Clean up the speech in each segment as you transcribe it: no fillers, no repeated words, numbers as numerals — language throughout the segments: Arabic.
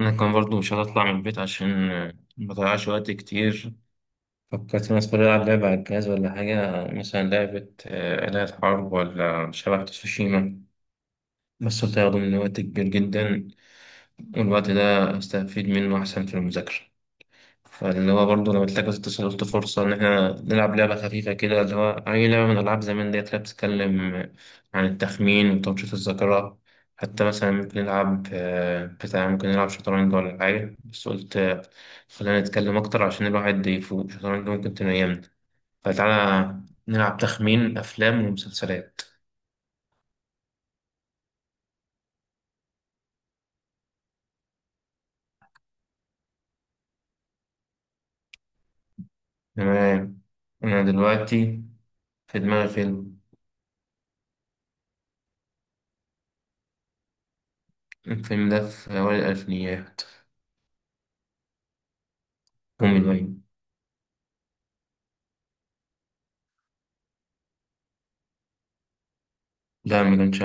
أنا كان برضو مش هطلع من البيت عشان ما أضيعش وقت كتير. فكرت الناس كلها ألعب لعبة على الجهاز ولا حاجة، مثلا لعبة آلهة حرب ولا شبح تسوشيما، بس هتاخد مني وقت كبير جدا، والوقت ده أستفيد منه أحسن في المذاكرة. فاللي هو برضه لما تلاقي اتصل قلت فرصة إن إحنا نلعب لعبة خفيفة كده، اللي هو أي لعبة من ألعاب زمان ديت اللي بتتكلم عن التخمين وتنشيط الذاكرة. حتى مثلا ممكن نلعب آه، بتاع ممكن نلعب شطرنج ولا حاجة، بس قلت خلينا نتكلم أكتر عشان الواحد يفوق، شطرنج ممكن تنيمنا. فتعالى نلعب تخمين أفلام ومسلسلات. تمام. أنا دلوقتي في دماغي فيلم. الفيلم ده في أوائل الألفينيات. كوميدي. لا ما كانش.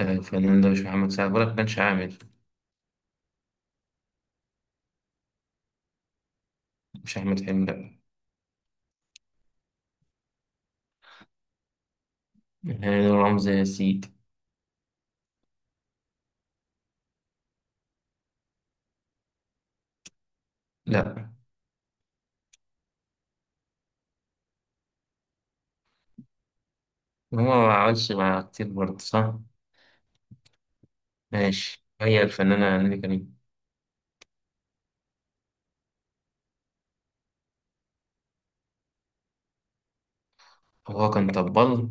الفنان ده مش محمد سعد ولا كان عامل. مش أحمد حلمي، لأ. هاني رمزي يا سيدي. لأ، هو ما عملش مع كتير برضه، صح؟ ماشي، هي الفنانة نيلي كريم. هو كان طبال،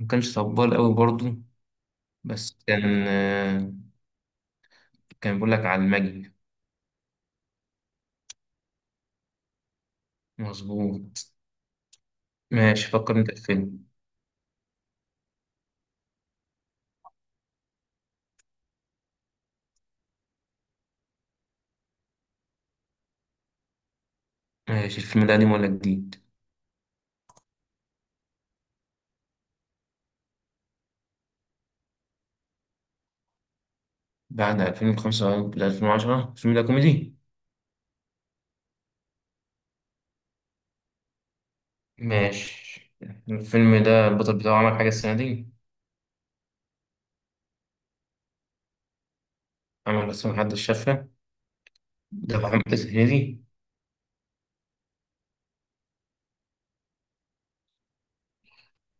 ما كانش طبال أوي برضه، بس كان كان بيقول لك على المجد. مظبوط. ماشي، فكر أنت في فيلم. ماشي، الفيلم ده قديم ولا جديد؟ بعد 2005 ل 2010، الفيلم ده كوميدي؟ ماشي، الفيلم ده البطل بتاعه عمل حاجة السنة دي؟ عمل بس محدش شافها. ده محمد الزهيري.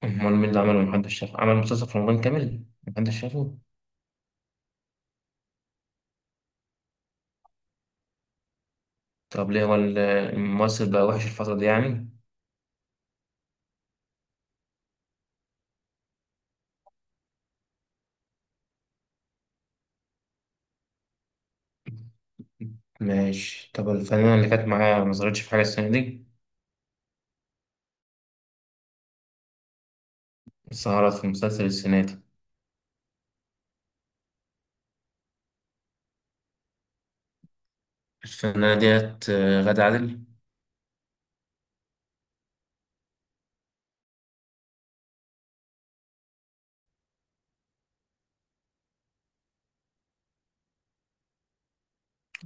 امال مين اللي عمله محدش شافه، عمل مسلسل في رمضان كامل محدش شافه؟ طب ليه هو الممثل بقى وحش الفترة دي يعني؟ ماشي، طب الفنانة اللي كانت معاه ما ظهرتش في حاجة السنة دي؟ ظهرت في مسلسل السنة دي. الفنانة ديت غادة عادل؟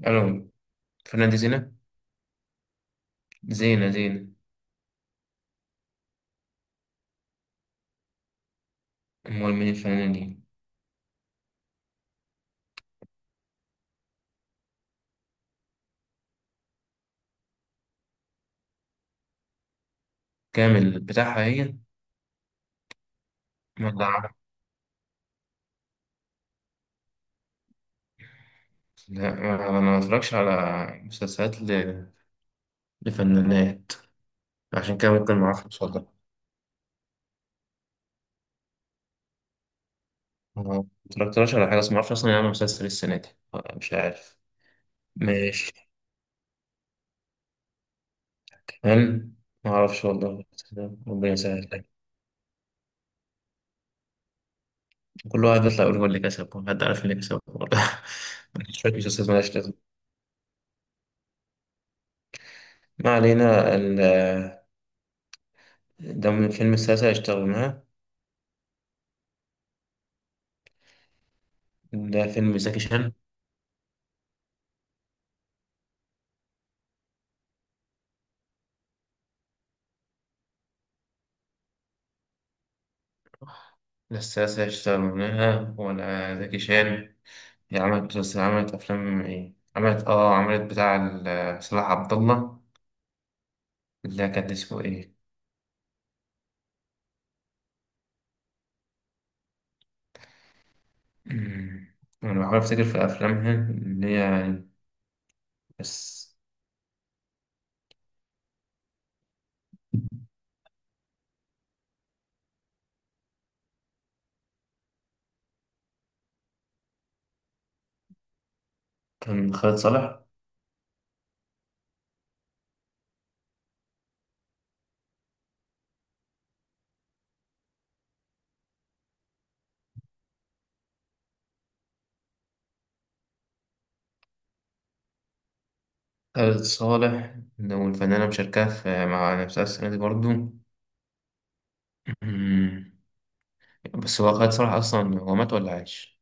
ألو. الفنانة دي زينة. زينة. أمال مين الفنانة دي؟ كامل بتاعها هي. ما ده عارف. لا أنا ما بتفرجش على مسلسلات لفنانات، عشان كده ممكن ما أعرفش، اتفضل. ما اتفرجتلاش على حاجة، بس ما اعرفش اصلا يعمل مسلسل السنة دي. مش عارف. ماشي. هل ما اعرفش والله. ربنا يسهل. كل واحد بيطلع يقول هو اللي كسب، هو حد عارف اللي كسب والله؟ شوية مسلسلات مالهاش لازمة. ما علينا. ده من فيلم السلاسل اشتغلناها. ده فيلم زكي شان. ده السلاسل اشتغلناها ولا زكي شان؟ هي عملت مسلسل، عملت أفلام إيه؟ عملت آه، عملت بتاع صلاح عبد الله، اللي كان اسمه إيه؟ أمم. أنا بحاول أفتكر في أفلامها اللي هي يعني، بس. كان خالد صالح. خالد صالح، لو الفنانة مشاركة في مع نفسها السنة دي برضو. أمم. بس هو خالد صالح أصلا هو مات ولا عايش؟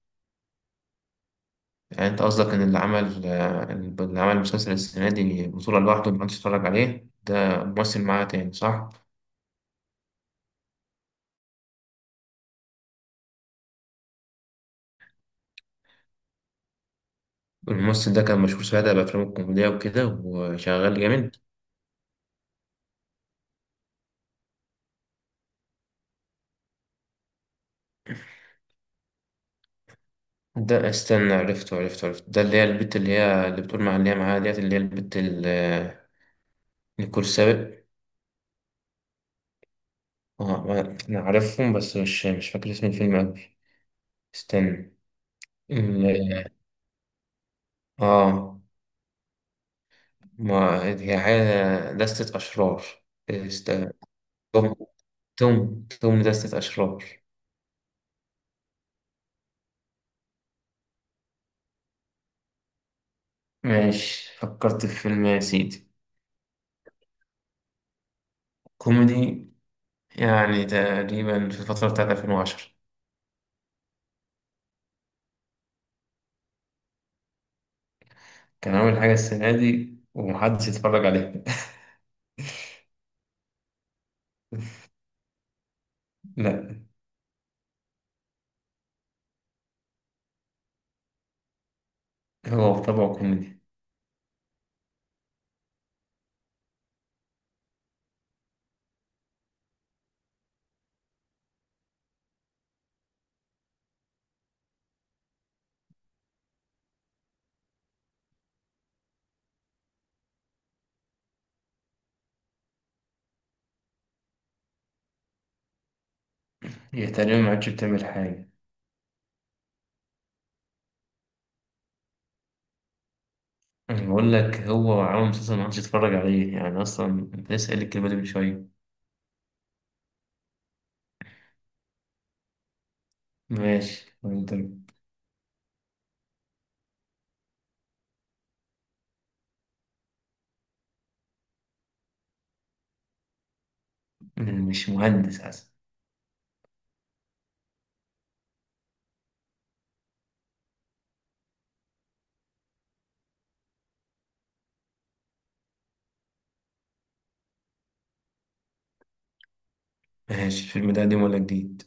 يعني أنت قصدك إن اللي عمل اللي عمل مسلسل السنة دي بطولة لوحده محدش اتفرج عليه، ده ممثل معاه تاني، صح؟ الممثل ده كان مشهور ساعتها بأفلامه الكوميدية وكده وشغال جامد. ده استنى، عرفته. ده اللي هي البت، اللي هي اللي بتقول مع اللي هي معاها ديت، اللي هي البت نيكول سابق. اه انا عارفهم، بس مش فاكر اسم الفيلم اوي. استنى. ال- اه، ما هي حاجة دستة أشرار. است... توم. توم دستة أشرار. ماشي فكرت في فيلم يا سيدي. كوميدي، يعني تقريبا في الفترة بتاعت 2010. كان عامل حاجة السنة دي ومحدش يتفرج عليها. لا. هو بطبعه كوميدي. هي تقريبا ما عادش بتعمل حاجة. أنا بقول لك هو عامل مسلسل ما عادش تتفرج عليه يعني أصلا. أنت لسه قايل الكلمة دي من شوية. ماشي. وأنت؟ مش مهندس أصلا. ماشي، الفيلم ده قديم ولا جديد؟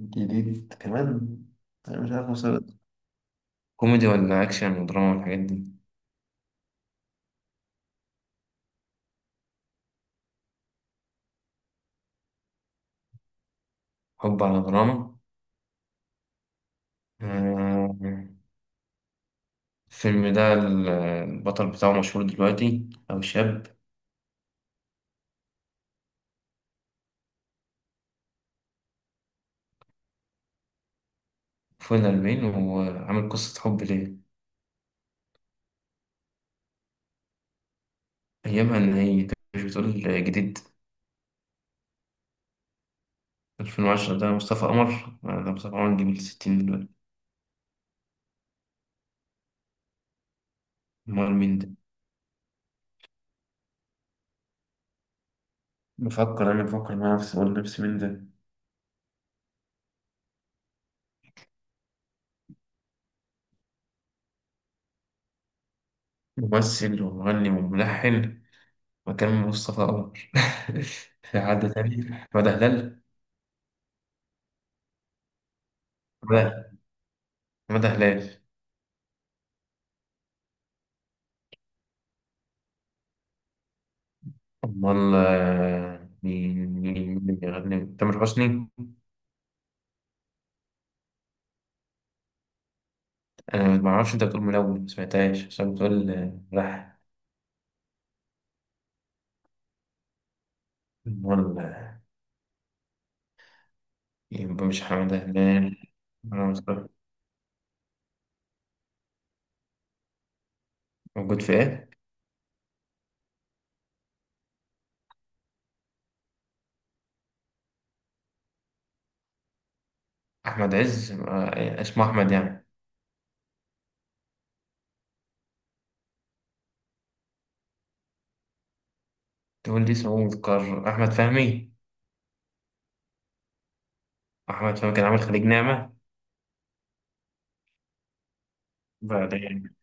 جديد كمان. أنا مش عارف مسلسل، كوميدي ولا أكشن ودراما والحاجات دي؟ حب على دراما. آه، الفيلم ده البطل بتاعه مشهور دلوقتي أو شاب؟ فوق الأربعين وعامل قصة حب ليه؟ أيامها، إن هي أنت مش بتقول جديد؟ 2010 ده مصطفى قمر. ده مصطفى قمر جميل 60 دلوقتي. أمال مين ده؟ بفكر، أنا بفكر مع نفسي أقول نفسي مين ده؟ ممثل ومغني وملحن؟ مكان مصطفى قمر. في حد تاني؟ مدى هلال؟ مدى، مدى هلال. أمال مين بيغني؟ تامر حسني؟ أنا ما أعرفش، أنت بتقول ملون ما سمعتهاش عشان بتقول ملحن. أمال يبقى مش حمادة هلال. ولا مصطفى. موجود في إيه؟ أحمد عز. اسمه أحمد يعني. تقول لي اسمه مذكر، أحمد فهمي. أحمد فهمي كان عامل خليج نعمة. بعد يعني.